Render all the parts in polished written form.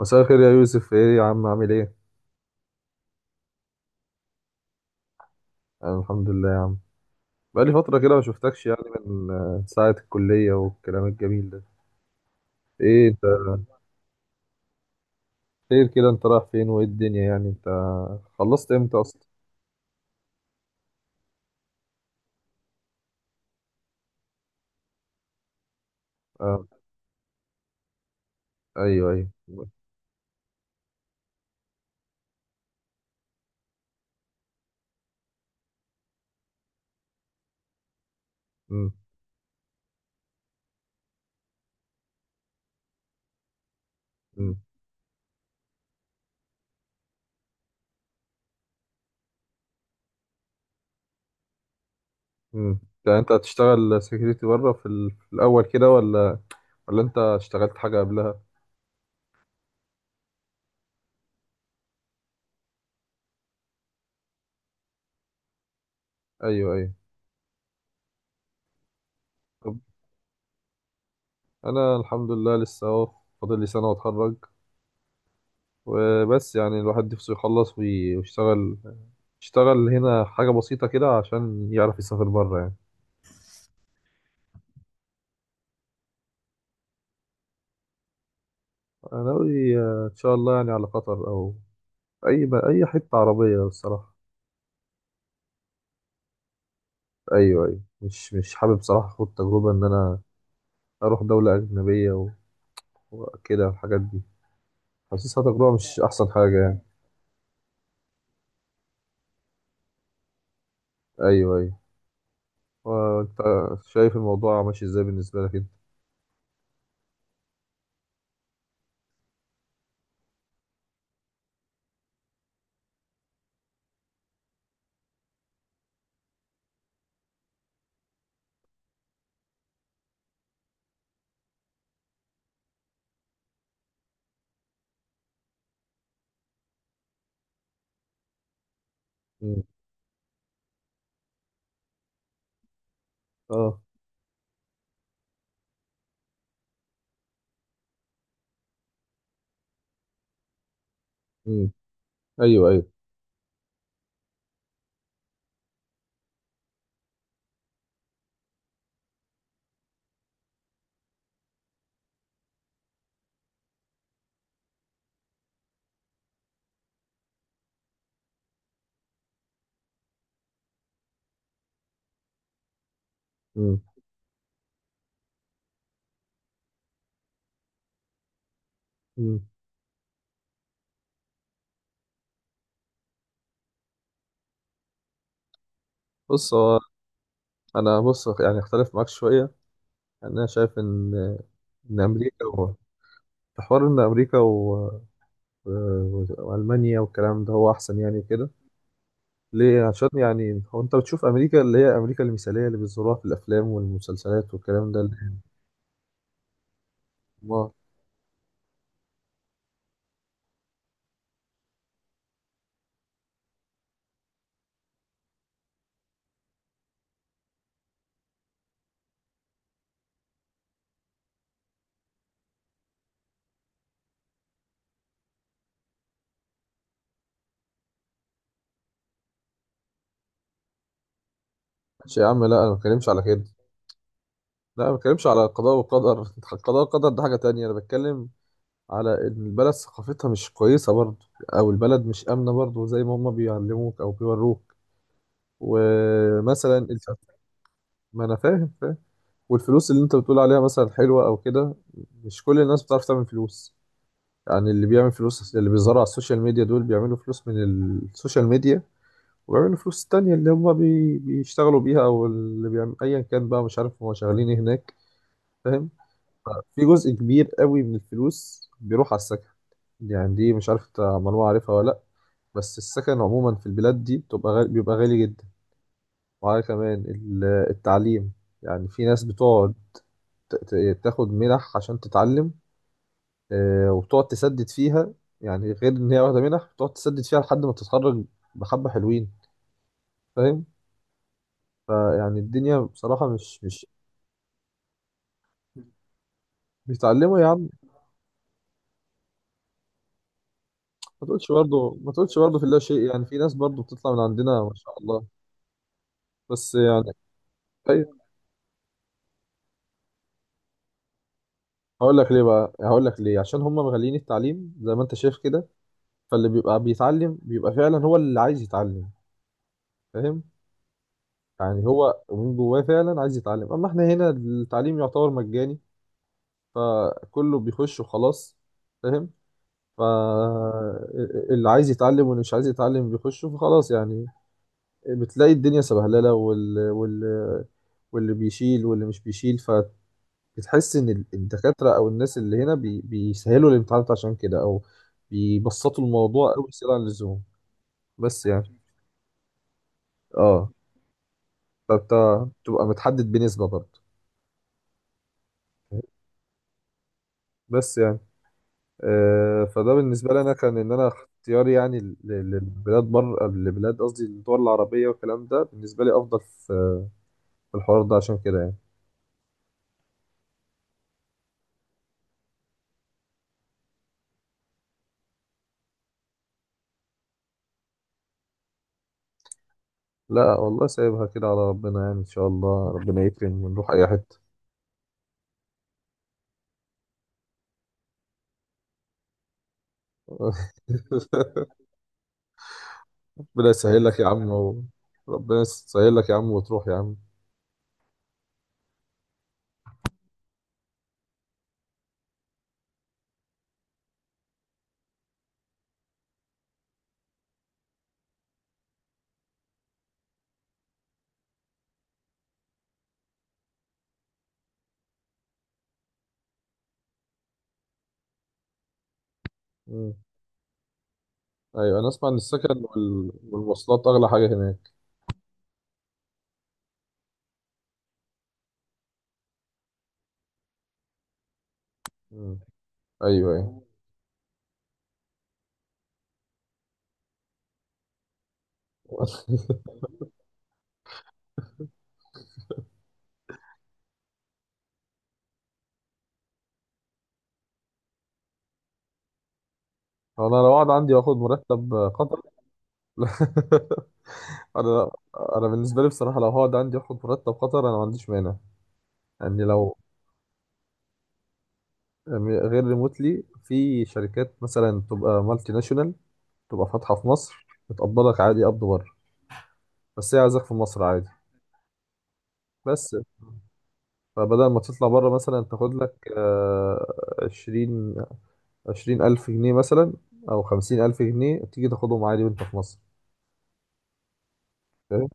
مساء الخير يا يوسف. ايه يا عم، عامل ايه؟ انا الحمد لله يا عم. بقالي فترة كده ما شفتكش يعني. من ساعة الكلية والكلام الجميل ده. ايه انت، خير كده؟ انت رايح فين وايه الدنيا يعني؟ انت خلصت امتى اصلا؟ آه. ايوه ايوه. امم امم امم ده انت هتشتغل سكيورتي بره في، في الاول كده، ولا ولا انت اشتغلت حاجة قبلها؟ ايوه ايوه. طب انا الحمد لله لسه اهو، فاضل لي سنة واتخرج وبس. يعني الواحد نفسه يخلص ويشتغل، يشتغل هنا حاجة بسيطة كده عشان يعرف يسافر بره يعني. أنا ناوي إن شاء الله يعني على قطر، أو أي أي حتة عربية الصراحة. أيوه أيوه، مش حابب صراحة أخد تجربة إن أنا أروح دولة أجنبية وكده الحاجات دي. حاسسها تجربة مش أحسن حاجة يعني. أيوه أيوه. وأنت شايف الموضوع ماشي إزاي بالنسبة لك أنت؟ مم. أه. مم. أيوه أيوه. مم. مم. بص هو، أنا بص يعني أختلف معاك شوية. انا شايف ان ان امريكا هو، في حوار ان امريكا والمانيا والكلام ده هو احسن يعني وكده. ليه؟ عشان يعني هو انت بتشوف امريكا اللي هي امريكا المثاليه اللي بيصوروها في الافلام والمسلسلات والكلام ده اللي هي. ما ماشي يا عم، لا انا ما بتكلمش على كده. لا ما بتكلمش على قضاء وقدر قضاء وقدر ده حاجه تانية. انا بتكلم على ان البلد ثقافتها مش كويسه برضه، او البلد مش امنه برضه زي ما هم بيعلموك او بيوروك. ومثلا ما انا فاهم فاهم. والفلوس اللي انت بتقول عليها مثلا حلوة او كده، مش كل الناس بتعرف تعمل فلوس. يعني اللي بيعمل فلوس اللي بيظهروا على السوشيال ميديا دول بيعملوا فلوس من السوشيال ميديا، وبيعملوا فلوس تانية اللي هم بيشتغلوا بيها، او اللي بيعمل ايا كان بقى، مش عارف هم شغالين ايه هناك. فاهم؟ في جزء كبير قوي من الفلوس بيروح على السكن. يعني دي مش عارف انت معلومة عارفها ولا لأ، بس السكن عموما في البلاد دي بتبقى غالي، بيبقى غالي جدا. وعلى كمان التعليم. يعني في ناس بتقعد تاخد منح عشان تتعلم، وبتقعد تسدد فيها. يعني غير ان هي واخده منح بتقعد تسدد فيها لحد ما تتخرج. بحبه حلوين. فاهم؟ فيعني الدنيا بصراحه مش بيتعلموا يا عم. ما تقولش برضه، ما تقولش برضه في الله شيء. يعني في ناس برضه بتطلع من عندنا ما شاء الله. بس يعني. ايوه، هقول لك ليه بقى، هقول لك ليه. عشان هم مغالين التعليم زي ما انت شايف كده. فاللي بيبقى بيتعلم بيبقى فعلا هو اللي عايز يتعلم. فاهم؟ يعني هو من جواه فعلا عايز يتعلم. اما احنا هنا التعليم يعتبر مجاني، فكله بيخش وخلاص. فاهم؟ فاللي عايز يتعلم واللي مش عايز يتعلم بيخش وخلاص يعني. بتلاقي الدنيا سبهلله واللي بيشيل واللي مش بيشيل. فبتحس ان الدكاتره او الناس اللي هنا بيسهلوا الامتحانات عشان كده، او بيبسطوا الموضوع قوي زياده عن اللزوم. بس يعني. اه، فانت بتبقى متحدد بنسبه برضه. بس يعني فده بالنسبة لي أنا، كان إن أنا اختياري يعني للبلاد بره، لبلاد قصدي الدول العربية، والكلام ده بالنسبة لي أفضل في، في الحوار ده عشان كده يعني. لا والله سايبها كده على ربنا يعني. إن شاء الله ربنا يكرم ونروح أي حتة. ربنا يسهل لك يا عم ربنا يسهل لك يا عم وتروح يا عم. مم. أيوة أنا أسمع إن السكن والمواصلات أغلى حاجة هناك. مم. أيوة أيوة. أنا لو قعد عندي وآخد مرتب قطر. انا، انا بالنسبه لي بصراحه لو هقعد عندي اخد مرتب خطر انا ما عنديش مانع. يعني لو، يعني غير ريموتلي، في شركات مثلا تبقى مالتي ناشونال تبقى فاتحه في مصر، بتقبضك عادي قبض بره، بس هي عايزاك في مصر عادي. بس فبدل ما تطلع بره مثلا، تاخد لك عشرين 20 ألف جنيه مثلا، أو 50 ألف جنيه تيجي تاخدهم عادي وأنت في مصر. فاهم؟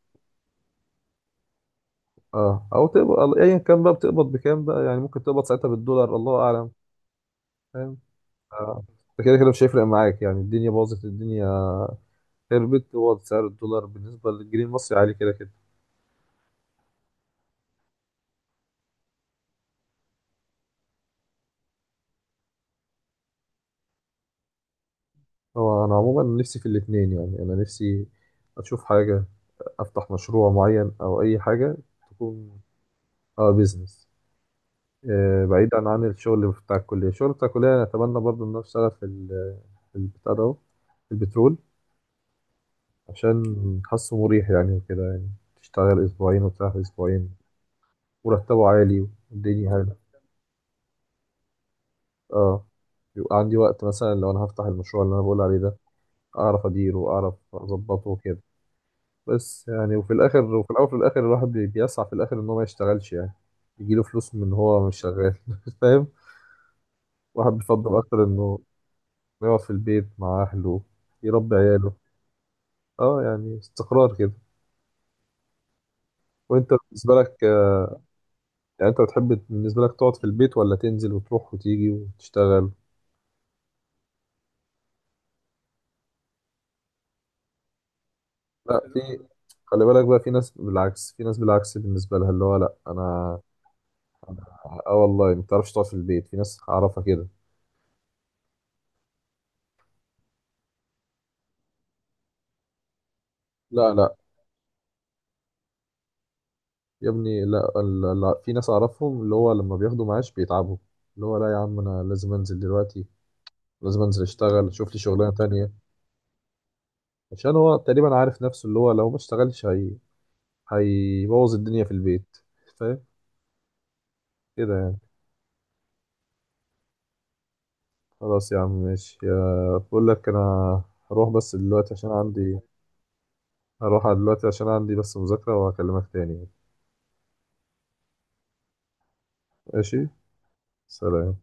اه، أو تقبض أيا كان بقى، بتقبض بكام بقى يعني؟ ممكن تقبض ساعتها بالدولار الله أعلم. اه، كده كده مش هيفرق معاك يعني، الدنيا باظت، الدنيا خربت. هو سعر الدولار بالنسبة للجنيه المصري عالي كده كده. هو أنا عموما نفسي في الاتنين، يعني أنا نفسي أشوف حاجة، أفتح مشروع معين أو أي حاجة تكون. اه، بيزنس. آه، بعيدا عن الشغل بتاع الكلية. الشغل بتاع الكلية أنا أتمنى برضه إن أنا أشتغل في في البتاع ده أهو، في البترول. عشان حاسه مريح يعني وكده يعني، تشتغل 2 أسابيع وتريح 2 أسابيع، مرتبه عالي والدنيا. اه، يبقى عندي وقت مثلا لو انا هفتح المشروع اللي انا بقول عليه ده، اعرف اديره واعرف اظبطه وكده. بس يعني وفي الاخر، وفي الاول وفي الاخر الواحد بيسعى في الاخر ان هو ما يشتغلش يعني، يجيله فلوس من ان هو مش شغال فاهم؟ واحد بيفضل اكتر انه يقعد في البيت مع اهله، يربي عياله. اه، يعني استقرار كده. وانت بالنسبه لك يعني انت بتحب بالنسبه لك تقعد في البيت، ولا تنزل وتروح وتيجي وتشتغل؟ لا، في، خلي بالك بقى، في ناس بالعكس، في ناس بالعكس بالنسبه لها اللي هو، لا انا. اه والله ما تعرفش تقعد في البيت، في ناس اعرفها كده. لا لا، يا ابني لا، لا، لا، في ناس اعرفهم اللي هو لما بياخدوا معاش بيتعبوا. اللي هو لا يا عم، انا لازم انزل دلوقتي، لازم انزل اشتغل، شوف لي شغلانه تانية. عشان هو تقريبا عارف نفسه اللي هو لو ما اشتغلش هي هيبوظ الدنيا في البيت. فاهم؟ كده يعني. خلاص يا عم ماشي، بقول لك انا هروح بس دلوقتي عشان عندي، هروح دلوقتي عشان عندي بس مذاكره، وهكلمك تاني. ماشي. سلام.